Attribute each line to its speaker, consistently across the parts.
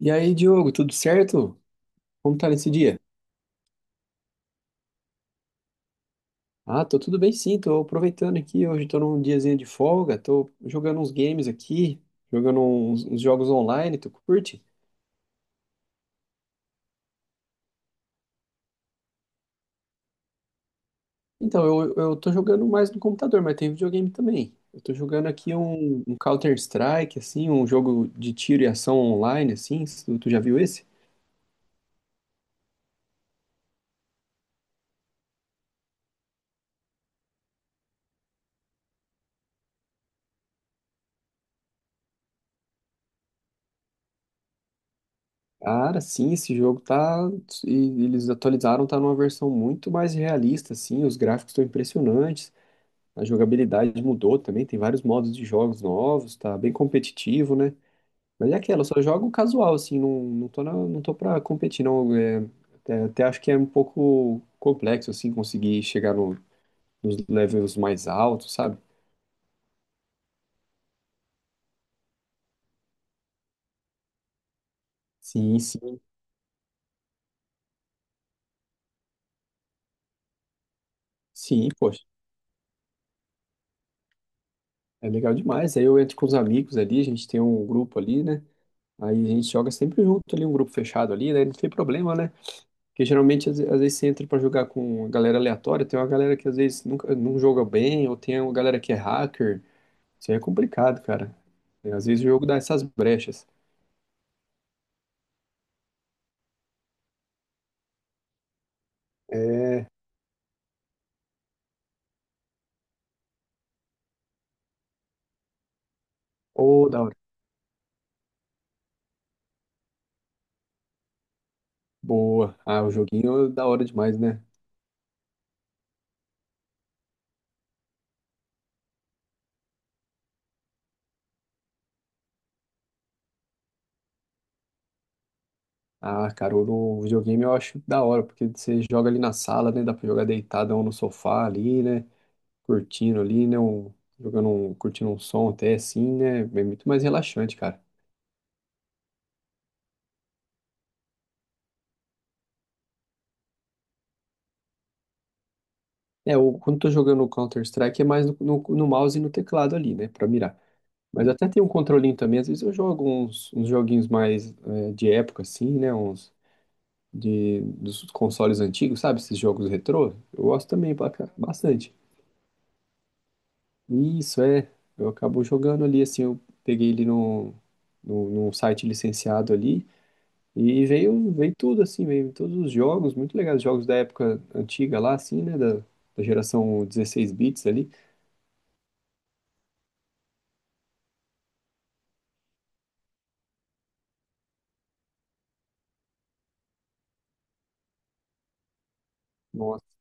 Speaker 1: E aí, Diogo, tudo certo? Como tá nesse dia? Ah, tô tudo bem sim, tô aproveitando aqui, hoje tô num diazinho de folga, tô jogando uns games aqui, jogando uns jogos online, tu curte? Então, eu tô jogando mais no computador, mas tem videogame também. Eu tô jogando aqui um Counter-Strike, assim, um jogo de tiro e ação online, assim, tu já viu esse? Cara, sim, esse jogo tá. e Eles atualizaram, tá numa versão muito mais realista, assim. Os gráficos estão impressionantes. A jogabilidade mudou também, tem vários modos de jogos novos, tá bem competitivo, né? Mas é aquela, eu só jogo casual, assim, não, não tô pra competir, não. Até acho que é um pouco complexo, assim, conseguir chegar nos levels mais altos, sabe? Sim, sim, sim, poxa, é legal demais. Aí eu entro com os amigos ali, a gente tem um grupo ali, né? Aí a gente joga sempre junto ali, um grupo fechado ali, né? Não tem problema, né? Porque geralmente, às vezes, você entra pra jogar com uma galera aleatória, tem uma galera que às vezes nunca, não joga bem, ou tem uma galera que é hacker. Isso aí é complicado, cara. É, às vezes o jogo dá essas brechas. É. Ô, da hora. Boa. Ah, o joguinho é da hora demais, né? Ah, cara, o videogame eu acho da hora, porque você joga ali na sala, né? Dá pra jogar deitado ou no sofá ali, né? Curtindo ali, né? Jogando um, curtindo um som até assim, né? É muito mais relaxante, cara. É, quando tô jogando o Counter-Strike é mais no mouse e no teclado ali, né, pra mirar. Mas até tem um controlinho também, às vezes eu jogo uns joguinhos mais de época, assim, né, dos consoles antigos, sabe, esses jogos retrô, eu gosto também pra bastante. Isso, é, eu acabo jogando ali, assim, eu peguei ele num site licenciado ali, e veio, veio tudo, assim, veio todos os jogos, muito legais, jogos da época antiga lá, assim, né, da, da geração 16 bits ali. Nossa,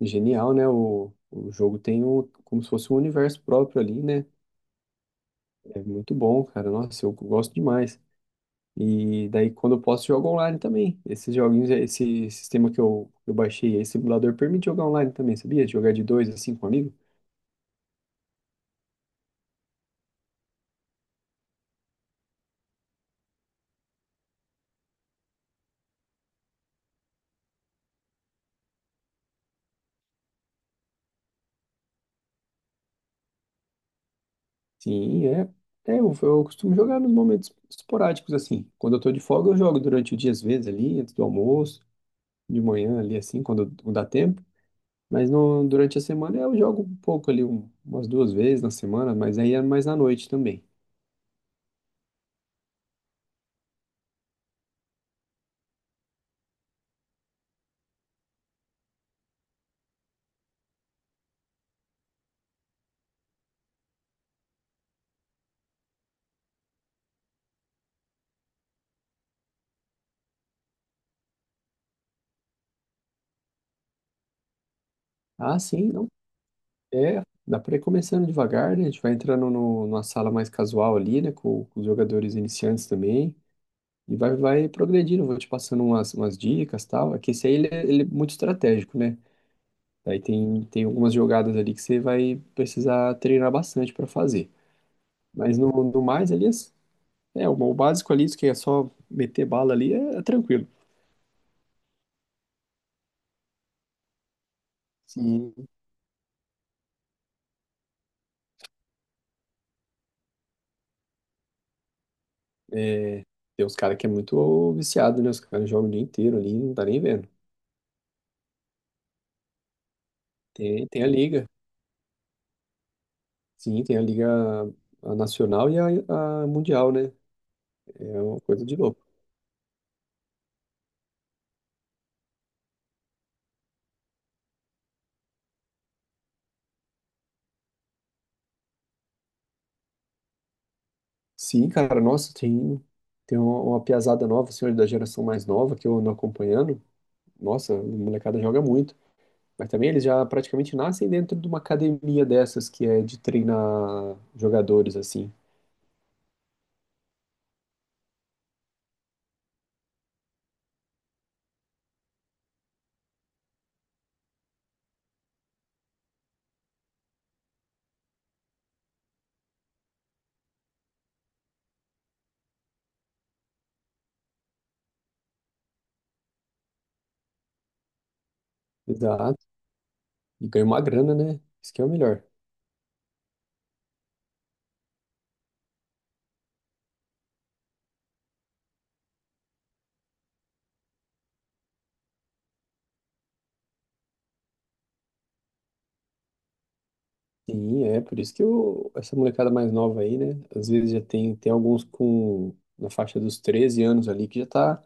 Speaker 1: genial, né? O jogo tem um, como se fosse um universo próprio ali, né? É muito bom, cara. Nossa, eu gosto demais. E daí, quando eu posso, jogo online também. Esses joguinhos, esse sistema que eu baixei, esse simulador, permite jogar online também, sabia? Jogar de dois, assim, com um amigo. Sim, é. É, eu costumo jogar nos momentos esporádicos, assim. Quando eu tô de folga, eu jogo durante o dia, às vezes, ali, antes do almoço, de manhã, ali, assim, quando dá tempo. Mas no, durante a semana eu jogo um pouco ali, umas duas vezes na semana, mas aí é mais à noite também. Ah, sim, não. É, dá pra ir começando devagar, né? A gente vai entrando no, numa sala mais casual ali, né? Com os jogadores iniciantes também. E vai, vai progredindo, vou te passando umas dicas e tal. É que esse aí ele é muito estratégico, né? Daí tem, tem algumas jogadas ali que você vai precisar treinar bastante pra fazer. Mas no mais ali, é, é, o básico ali, isso que é só meter bala ali, é, é tranquilo. Sim, tem uns caras que é muito viciado, né? Os caras jogam o dia inteiro ali, não tá nem vendo. Tem, tem a liga. Sim, tem a liga a nacional e a mundial, né? É uma coisa de louco. Sim, cara, nossa, tem, tem uma piazada nova, senhor da geração mais nova que eu ando acompanhando. Nossa, a molecada joga muito. Mas também eles já praticamente nascem dentro de uma academia dessas que é de treinar jogadores, assim. Exato. E ganha uma grana, né? Isso que é o melhor. Sim, é por isso que eu, essa molecada mais nova aí, né? Às vezes já tem, tem alguns com na faixa dos 13 anos ali que já tá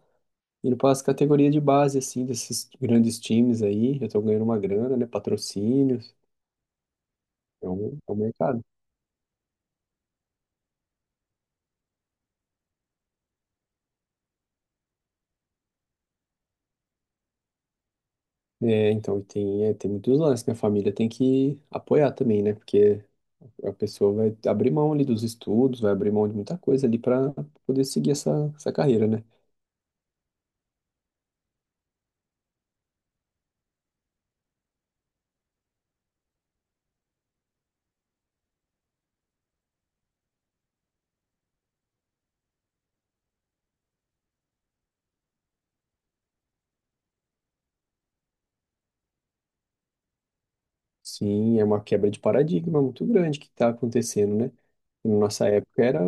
Speaker 1: indo para as categorias de base, assim, desses grandes times aí, já estão ganhando uma grana, né? Patrocínios, é um mercado. É, então, e tem, é, tem muitos lances que a família tem que apoiar também, né? Porque a pessoa vai abrir mão ali dos estudos, vai abrir mão de muita coisa ali para poder seguir essa, essa carreira, né? Sim, é uma quebra de paradigma muito grande que está acontecendo, né? Na nossa época era,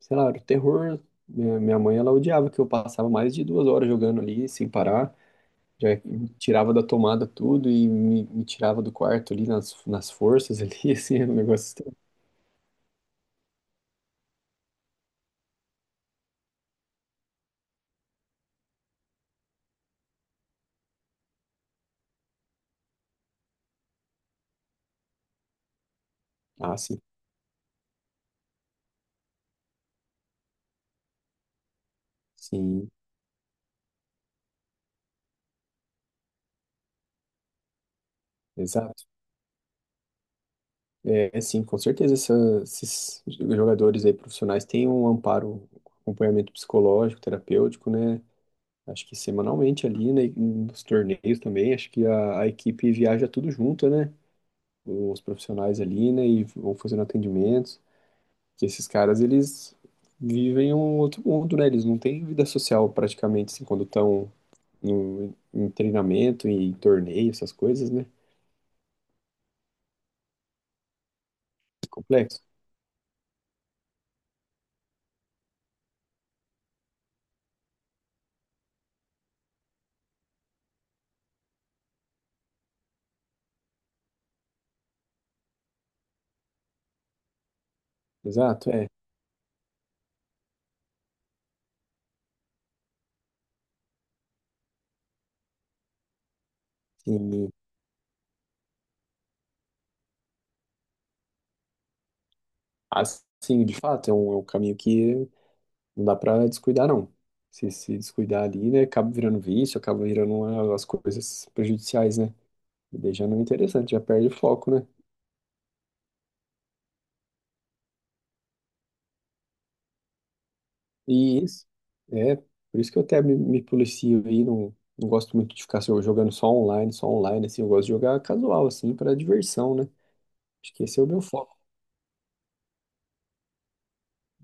Speaker 1: sei lá, era o terror. Minha mãe, ela odiava que eu passava mais de 2 horas jogando ali sem parar. Já me tirava da tomada tudo e me tirava do quarto ali nas forças ali, assim, é um negócio estranho. Ah, sim, sim, exato. É, é sim, com certeza esses jogadores aí profissionais têm um amparo, um acompanhamento psicológico, terapêutico, né? Acho que semanalmente ali, né, e nos torneios também, acho que a equipe viaja tudo junto, né? Os profissionais ali, né, e vão fazendo atendimentos. Que esses caras, eles vivem um outro mundo, né? Eles não têm vida social praticamente, assim, quando estão no, em treinamento, em torneio, essas coisas, né? Complexo. Exato, é. E, assim, de fato, é um caminho que não dá pra descuidar, não. Se se descuidar ali, né, acaba virando vício, acaba virando uma, as coisas prejudiciais, né? E daí já não é interessante, já perde o foco, né? E isso, é, por isso que eu até me policio aí, não, não gosto muito de ficar só jogando só online, assim, eu gosto de jogar casual, assim, para diversão, né? Acho que esse é o meu foco.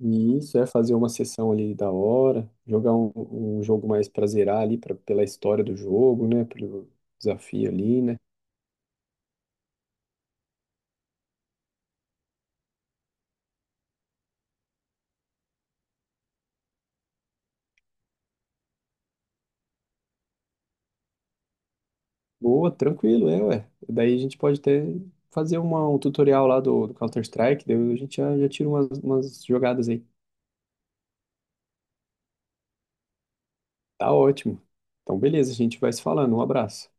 Speaker 1: E isso é fazer uma sessão ali da hora, jogar um, um jogo mais pra zerar ali, pra, pela história do jogo, né? Pelo desafio ali, né? Boa, tranquilo, é, ué. Daí a gente pode até fazer uma, um tutorial lá do Counter-Strike, daí a gente já, já tira umas jogadas aí. Tá ótimo. Então, beleza, a gente vai se falando. Um abraço.